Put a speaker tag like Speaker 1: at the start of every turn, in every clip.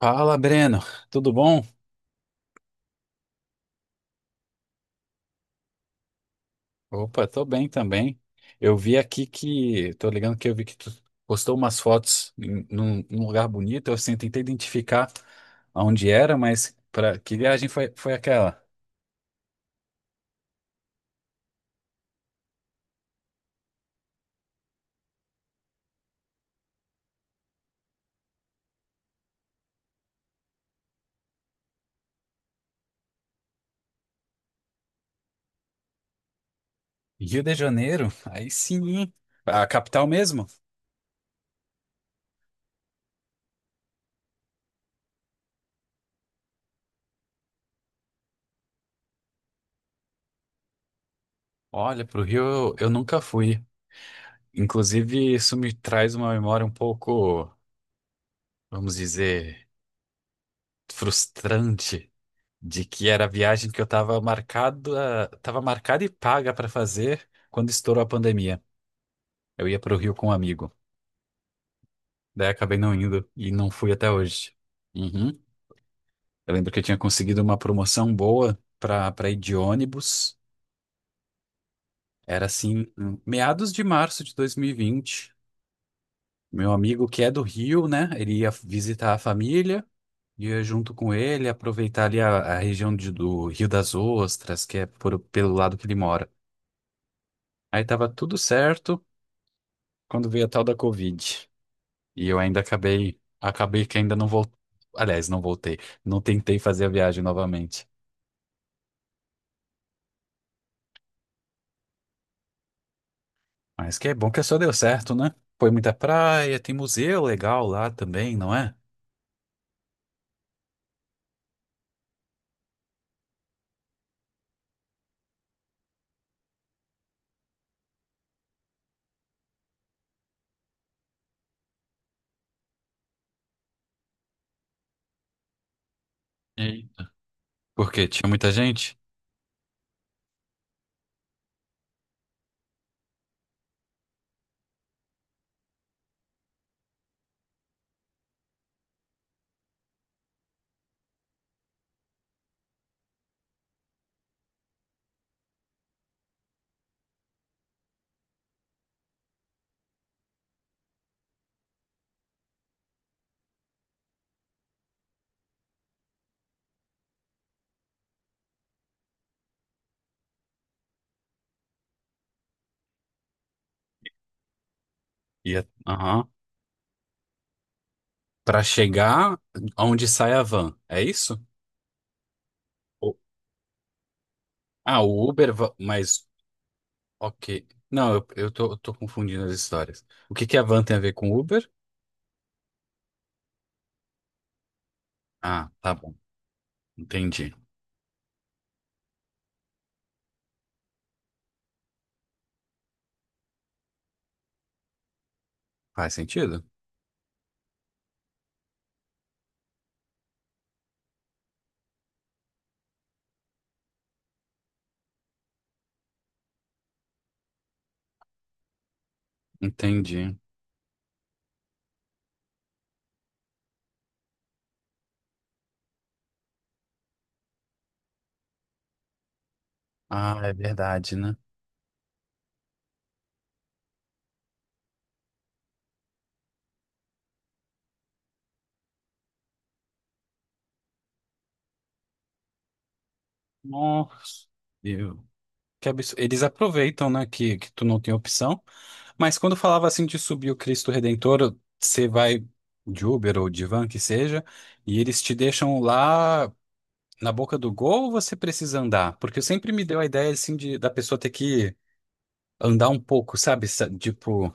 Speaker 1: Fala, Breno, tudo bom? Opa, tô bem também. Eu vi aqui que, tô ligando que eu vi que tu postou umas fotos em, num lugar bonito, eu assim, tentei identificar aonde era, mas para que viagem foi, foi aquela? Rio de Janeiro? Aí sim, hein? A capital mesmo? Olha, pro Rio eu nunca fui. Inclusive, isso me traz uma memória um pouco, vamos dizer, frustrante, de que era a viagem que eu estava marcado, estava marcada e paga para fazer quando estourou a pandemia. Eu ia para o Rio com um amigo. Daí acabei não indo e não fui até hoje. Uhum. Eu lembro que eu tinha conseguido uma promoção boa para ir de ônibus. Era assim, meados de março de 2020. Meu amigo que é do Rio, né? Ele ia visitar a família, ia junto com ele, aproveitar ali a região de- do Rio das Ostras, que é por- pelo lado que ele mora. Aí tava tudo certo quando veio a tal da Covid. E eu ainda acabei que ainda não voltei. Aliás, não voltei. Não tentei fazer a viagem novamente. Mas que é bom que só deu certo, né? Foi muita praia, tem museu legal lá também, não é? Eita. Porque tinha muita gente. Ia, aham. Pra chegar onde sai a van, é isso? O- Ah, o Uber, va- mas ok. Não, eu tô confundindo as histórias. O que que a van tem a ver com Uber? Ah, tá bom. Entendi. Faz sentido? Entendi. Ah, é verdade, né? Nossa, eu- que absurdo. Eles aproveitam, né, que tu não tem opção. Mas quando falava assim de subir o Cristo Redentor, você vai de Uber ou de van, que seja, e eles te deixam lá na boca do gol ou você precisa andar? Porque sempre me deu a ideia assim de da pessoa ter que andar um pouco, sabe? Sa- Tipo,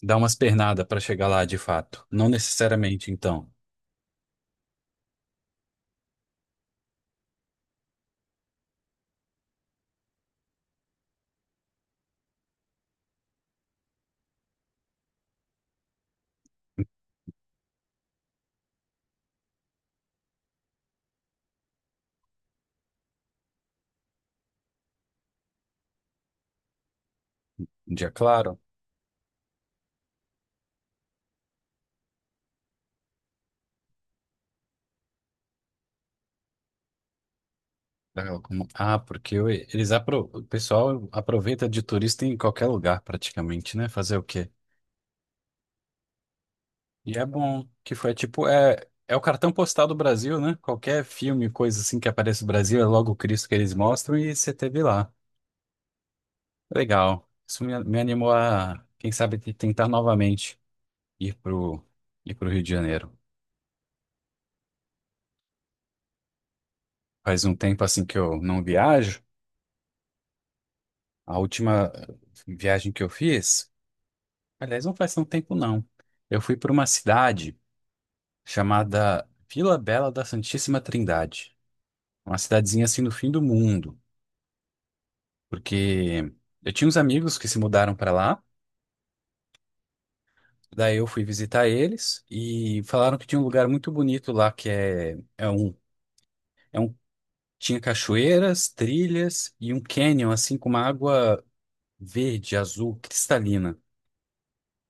Speaker 1: dar umas pernadas para chegar lá de fato. Não necessariamente, então. Um dia claro. Ah, como- ah, porque o- eles apro... o pessoal aproveita de turista em qualquer lugar praticamente, né? Fazer o quê? E é bom que foi tipo, é, é o cartão postal do Brasil, né? Qualquer filme, coisa assim que aparece no Brasil, é logo o Cristo que eles mostram e você teve lá. Legal. Isso me animou a, quem sabe, te- tentar novamente ir pro, ir pro Rio de Janeiro. Faz um tempo assim que eu não viajo. A última viagem que eu fiz, aliás, não faz tanto tempo não. Eu fui para uma cidade chamada Vila Bela da Santíssima Trindade. Uma cidadezinha assim no fim do mundo, porque eu tinha uns amigos que se mudaram para lá, daí eu fui visitar eles e falaram que tinha um lugar muito bonito lá que é um tinha cachoeiras, trilhas e um canyon assim com uma água verde, azul, cristalina,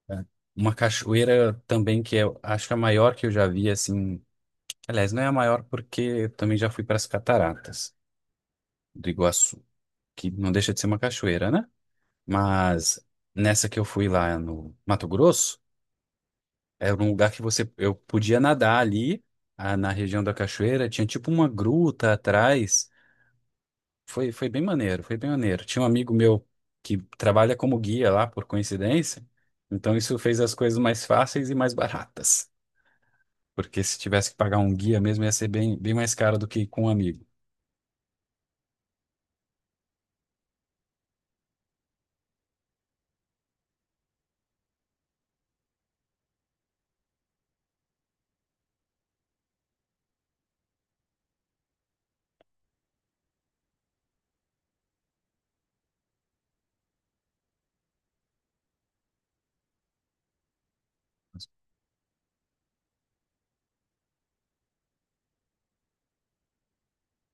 Speaker 1: né? Uma cachoeira também que eu acho que é a maior que eu já vi assim. Aliás, não é a maior porque eu também já fui para as cataratas do Iguaçu, que não deixa de ser uma cachoeira, né? Mas nessa que eu fui lá no Mato Grosso, era um lugar que você eu podia nadar ali, ah, na região da cachoeira, tinha tipo uma gruta atrás. Foi bem maneiro, foi bem maneiro. Tinha um amigo meu que trabalha como guia lá, por coincidência, então isso fez as coisas mais fáceis e mais baratas. Porque se tivesse que pagar um guia mesmo, ia ser bem mais caro do que com um amigo.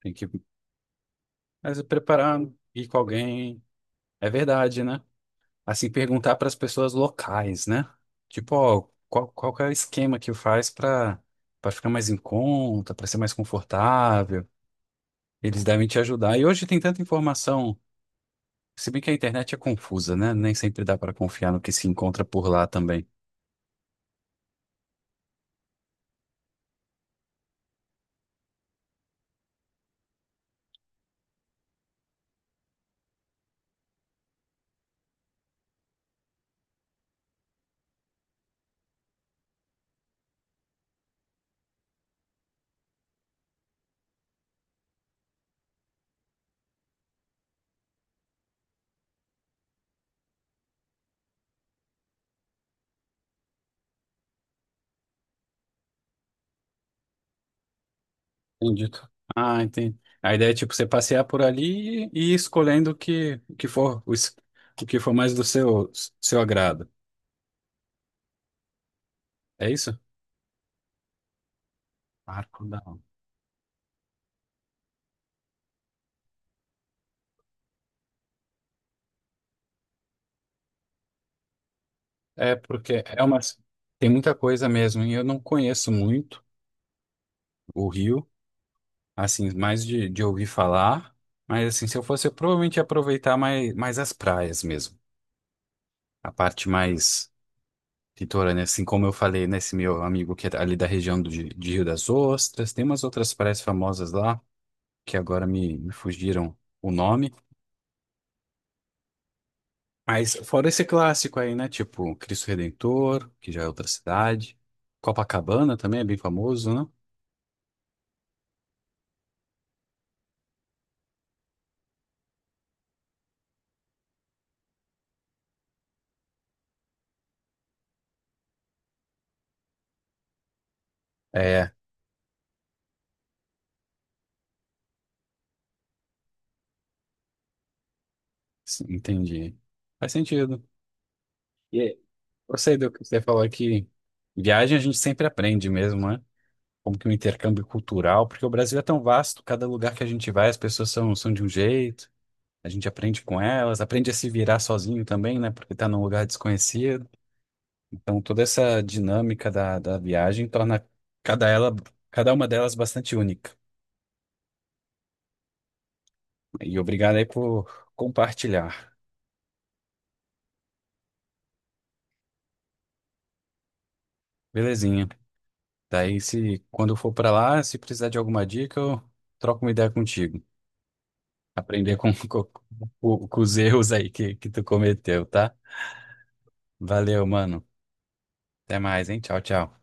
Speaker 1: Tem que, mas preparar, ir com alguém, é verdade, né? Assim, perguntar para as pessoas locais, né? Tipo, ó, qual que é o esquema que faz para ficar mais em conta, para ser mais confortável? Eles devem te ajudar. E hoje tem tanta informação, se bem que a internet é confusa, né? Nem sempre dá para confiar no que se encontra por lá também. Entendido. Ah, entendi. A ideia é tipo você passear por ali e ir escolhendo o que for o, es- o que for mais do seu seu agrado. É isso? Marco da É porque é uma tem muita coisa mesmo e eu não conheço muito o Rio, assim, mais de ouvir falar, mas assim, se eu fosse, eu provavelmente ia aproveitar mais as praias mesmo, a parte mais litorânea, assim como eu falei nesse meu amigo que é ali da região do, de Rio das Ostras, tem umas outras praias famosas lá que agora me fugiram o nome, mas fora esse clássico aí, né, tipo Cristo Redentor, que já é outra cidade, Copacabana também é bem famoso, né? É, sim, entendi. Faz sentido. E aí, gostei do que você falou que viagem a gente sempre aprende mesmo, né? Como que o intercâmbio cultural, porque o Brasil é tão vasto, cada lugar que a gente vai, as pessoas são, são de um jeito, a gente aprende com elas, aprende a se virar sozinho também, né? Porque tá num lugar desconhecido. Então toda essa dinâmica da viagem torna cada ela, cada uma delas bastante única. E obrigado aí por compartilhar. Belezinha. Daí, se quando eu for pra lá, se precisar de alguma dica, eu troco uma ideia contigo. Aprender com, com os erros aí que tu cometeu, tá? Valeu, mano. Até mais, hein? Tchau, tchau.